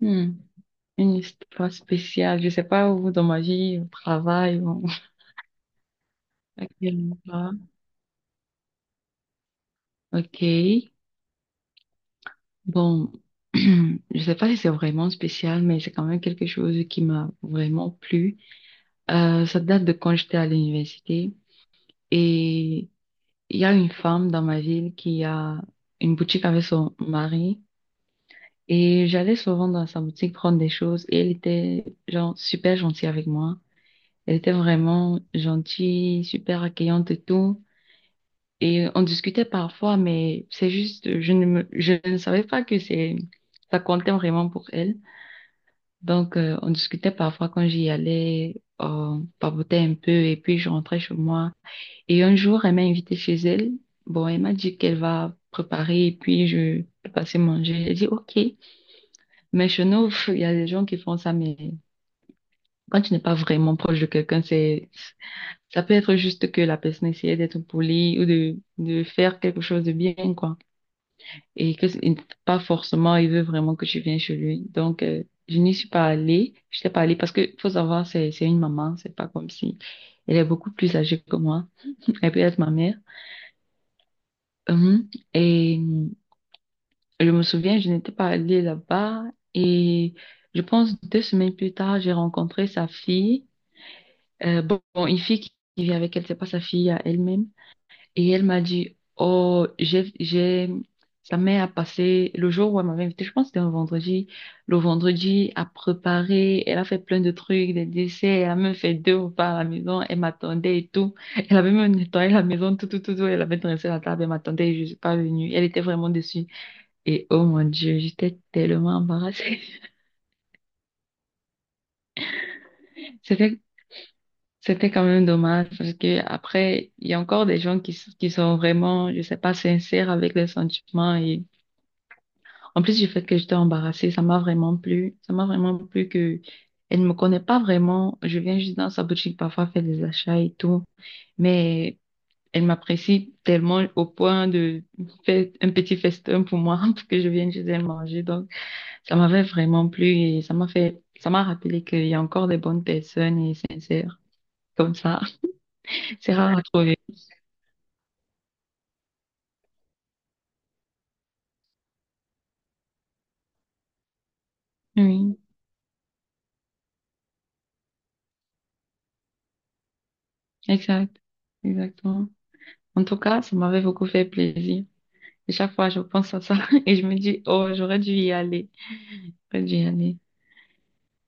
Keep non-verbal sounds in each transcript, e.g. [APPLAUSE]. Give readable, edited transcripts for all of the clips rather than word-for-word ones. Hmm, Une histoire spéciale. Je sais pas où dans ma vie, au travail, ou [LAUGHS] à quel endroit. Ok. Bon, [CLEARS THROAT] je sais pas si c'est vraiment spécial, mais c'est quand même quelque chose qui m'a vraiment plu. Ça date de quand j'étais à l'université et il y a une femme dans ma ville qui a une boutique avec son mari et j'allais souvent dans sa boutique prendre des choses et elle était genre super gentille avec moi. Elle était vraiment gentille, super accueillante et tout. Et on discutait parfois, mais c'est juste, je ne savais pas ça comptait vraiment pour elle. Donc, on discutait parfois quand j'y allais, on papotait un peu et puis je rentrais chez moi. Et un jour, elle m'a invitée chez elle. Bon, elle m'a dit qu'elle va préparer et puis je peux passer manger. J'ai dit, OK. Mais chez nous, [LAUGHS] il y a des gens qui font ça, mais quand tu n'es pas vraiment proche de quelqu'un, c'est, ça peut être juste que la personne essayait d'être polie ou de faire quelque chose de bien, quoi. Et que n'a pas forcément, il veut vraiment que je vienne chez lui. Donc, je n'y suis pas allée. Je n'étais pas allée parce que faut savoir, c'est une maman. C'est pas comme si elle est beaucoup plus âgée que moi. [LAUGHS] Elle peut être ma mère. Et je me souviens, je n'étais pas allée là-bas. Et je pense 2 semaines plus tard, j'ai rencontré sa fille. Bon, une fille qui vit avec elle, c'est pas sa fille à elle-même. Et elle m'a dit, oh, sa mère a passé le jour où elle m'avait invitée, je pense que c'était un vendredi, le vendredi à préparer, elle a fait plein de trucs, des desserts, elle a même fait deux repas à la maison, elle m'attendait et tout. Elle avait même nettoyé la maison, tout, tout, tout, tout, elle avait dressé la table, elle m'attendait et je suis pas venue. Elle était vraiment déçue. Et oh mon Dieu, j'étais tellement embarrassée. [LAUGHS] C'était, c'était quand même dommage parce que après, il y a encore des gens qui, qui sont vraiment, je sais pas, sincères avec leurs sentiments. Et en plus du fait que j'étais embarrassée, ça m'a vraiment plu. Ça m'a vraiment plu que elle ne me connaît pas vraiment. Je viens juste dans sa boutique parfois faire des achats et tout. Mais elle m'apprécie tellement au point de faire un petit festin pour moi [LAUGHS] pour que je vienne chez elle manger. Donc, ça m'avait vraiment plu et ça m'a fait, ça m'a rappelé qu'il y a encore des bonnes personnes et sincères comme ça. [LAUGHS] C'est rare à trouver. Oui, exact. Exactement. En tout cas, ça m'avait beaucoup fait plaisir. Et chaque fois, je pense à ça [LAUGHS] et je me dis, oh, j'aurais dû y aller. J'aurais dû y aller.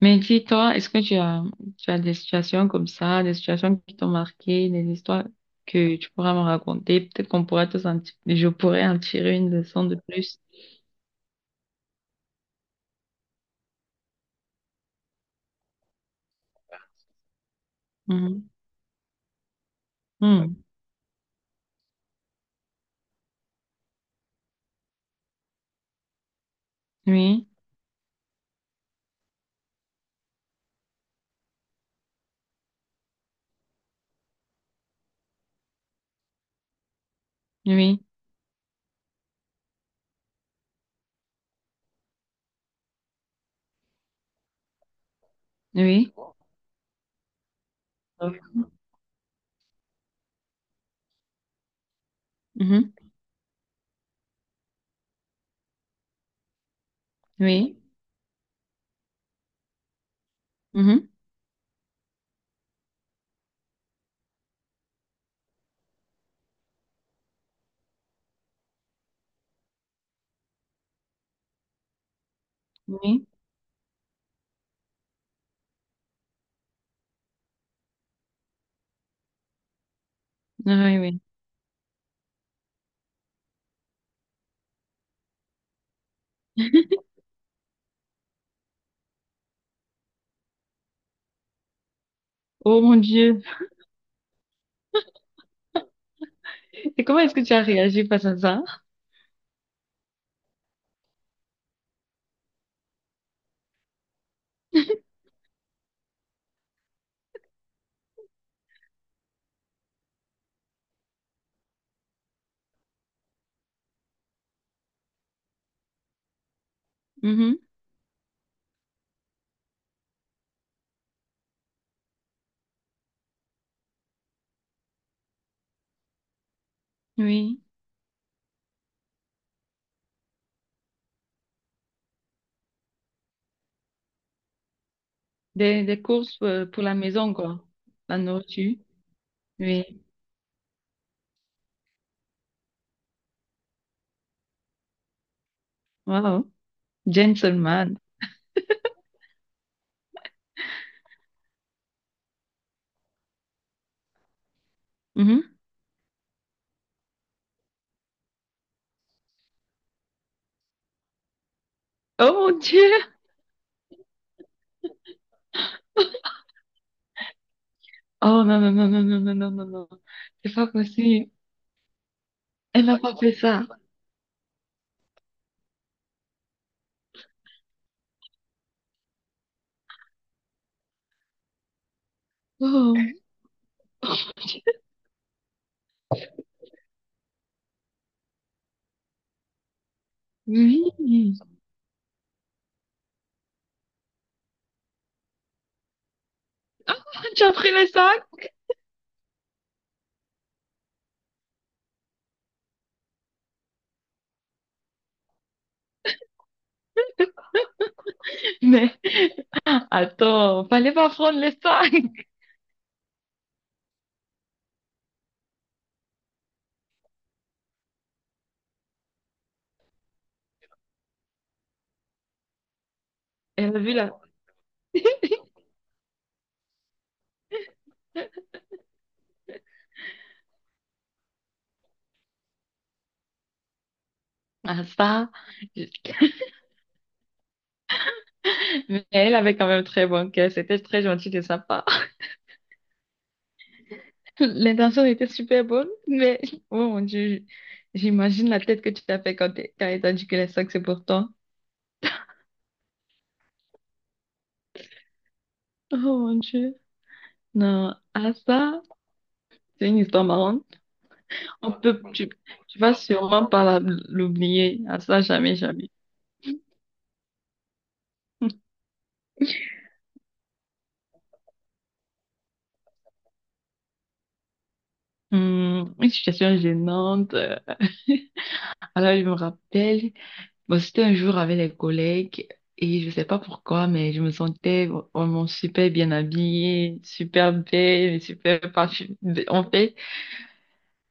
Mais dis-toi, est-ce que tu as des situations comme ça, des situations qui t'ont marqué, des histoires que tu pourras me raconter? Peut-être qu'on pourrait tous en je pourrais en tirer une leçon de plus. Mhm. Mhm. Oui, oui, oui. Mhm. Oui. Mhm. Oui. Ah oui, oui. Oh mon Dieu. Et comment est-ce que tu as réagi face à ça? Mhm. Oui. Des courses pour la maison, quoi. La nourriture. Oui, wow, gentleman. Mhm. Oh mon Dieu! Oh non, non, non, non, non, non, non, non, non. C'est pas possible. Elle m'a pas fait ça. Oh, oui. Ah, tu as pris les sacs? Mais attends, fallait pas prendre les sacs. Elle a vu la... Ah, ça. Mais elle avait quand même très bon cœur. C'était très gentil de sa part. L'intention était super bonne, mais oh mon Dieu, j'imagine la tête que tu t'as fait quand quand elle t'a dit que les sacs c'est pour toi. Oh mon Dieu. Non, ah ça, c'est une histoire marrante. On peut, tu vas sûrement pas l'oublier. Ah ça, jamais, jamais. [LAUGHS] Une situation gênante. [LAUGHS] Alors, je me rappelle, bon, c'était un jour avec les collègues et je sais pas pourquoi, mais je me sentais vraiment super bien habillée, super belle, et super parfumée. En fait,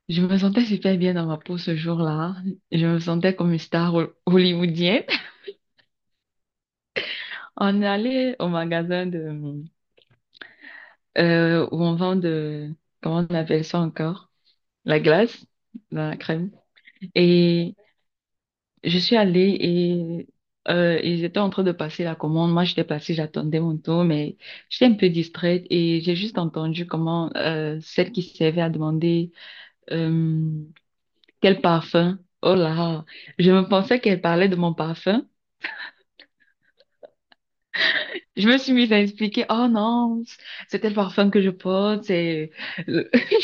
je me sentais super bien dans ma peau ce jour-là. Je me sentais comme une star hollywoodienne. [LAUGHS] On est allé au magasin de, où on vend de, comment on appelle ça encore? La glace, la crème. Et je suis allée et ils étaient en train de passer la commande. Moi, j'étais placée, j'attendais mon tour, mais j'étais un peu distraite et j'ai juste entendu comment celle qui servait a demandé euh, quel parfum. Oh là, je me pensais qu'elle parlait de mon parfum. Je me suis mise à expliquer, oh non, c'était le parfum que je porte, c'est [LAUGHS]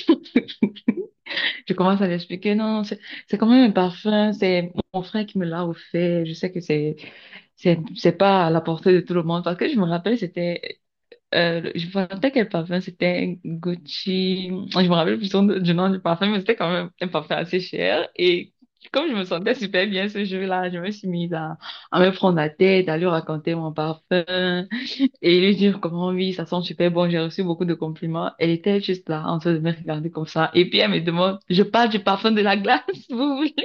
je commence à l'expliquer. Non, non, c'est quand même un parfum. C'est mon frère qui me l'a offert. Je sais que c'est c'est pas à la portée de tout le monde. Parce que je me rappelle, c'était je me rappelle quel parfum. C'était Gucci. Je me rappelle plus du nom du parfum, mais c'était quand même un parfum assez cher. Et comme je me sentais super bien ce jour-là, je me suis mise à me prendre la tête, à lui raconter mon parfum et lui dire comment oui, ça sent super bon, j'ai reçu beaucoup de compliments. Elle était juste là, en train de me regarder comme ça. Et puis elle me demande, je parle du parfum de la glace, [LAUGHS] vous voulez,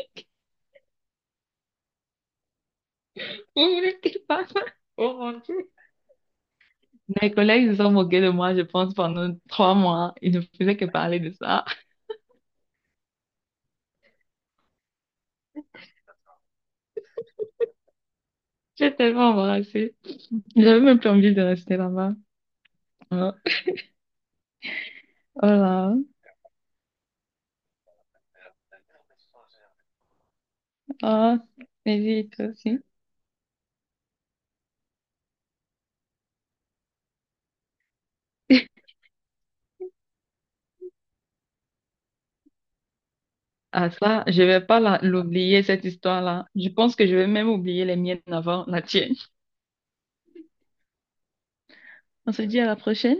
vous voulez quel parfum? Oh mon Dieu. Mes collègues se sont moqués de moi, je pense, pendant 3 mois. Ils ne faisaient que parler de ça. [LAUGHS] J'ai tellement embarrassée. J'avais même plus envie de rester là-bas. Voilà. Oh là. Ah, vas-y, toi aussi. [LAUGHS] Ah ça, je vais pas l'oublier, cette histoire-là. Je pense que je vais même oublier les miennes avant la tienne. On se dit à la prochaine.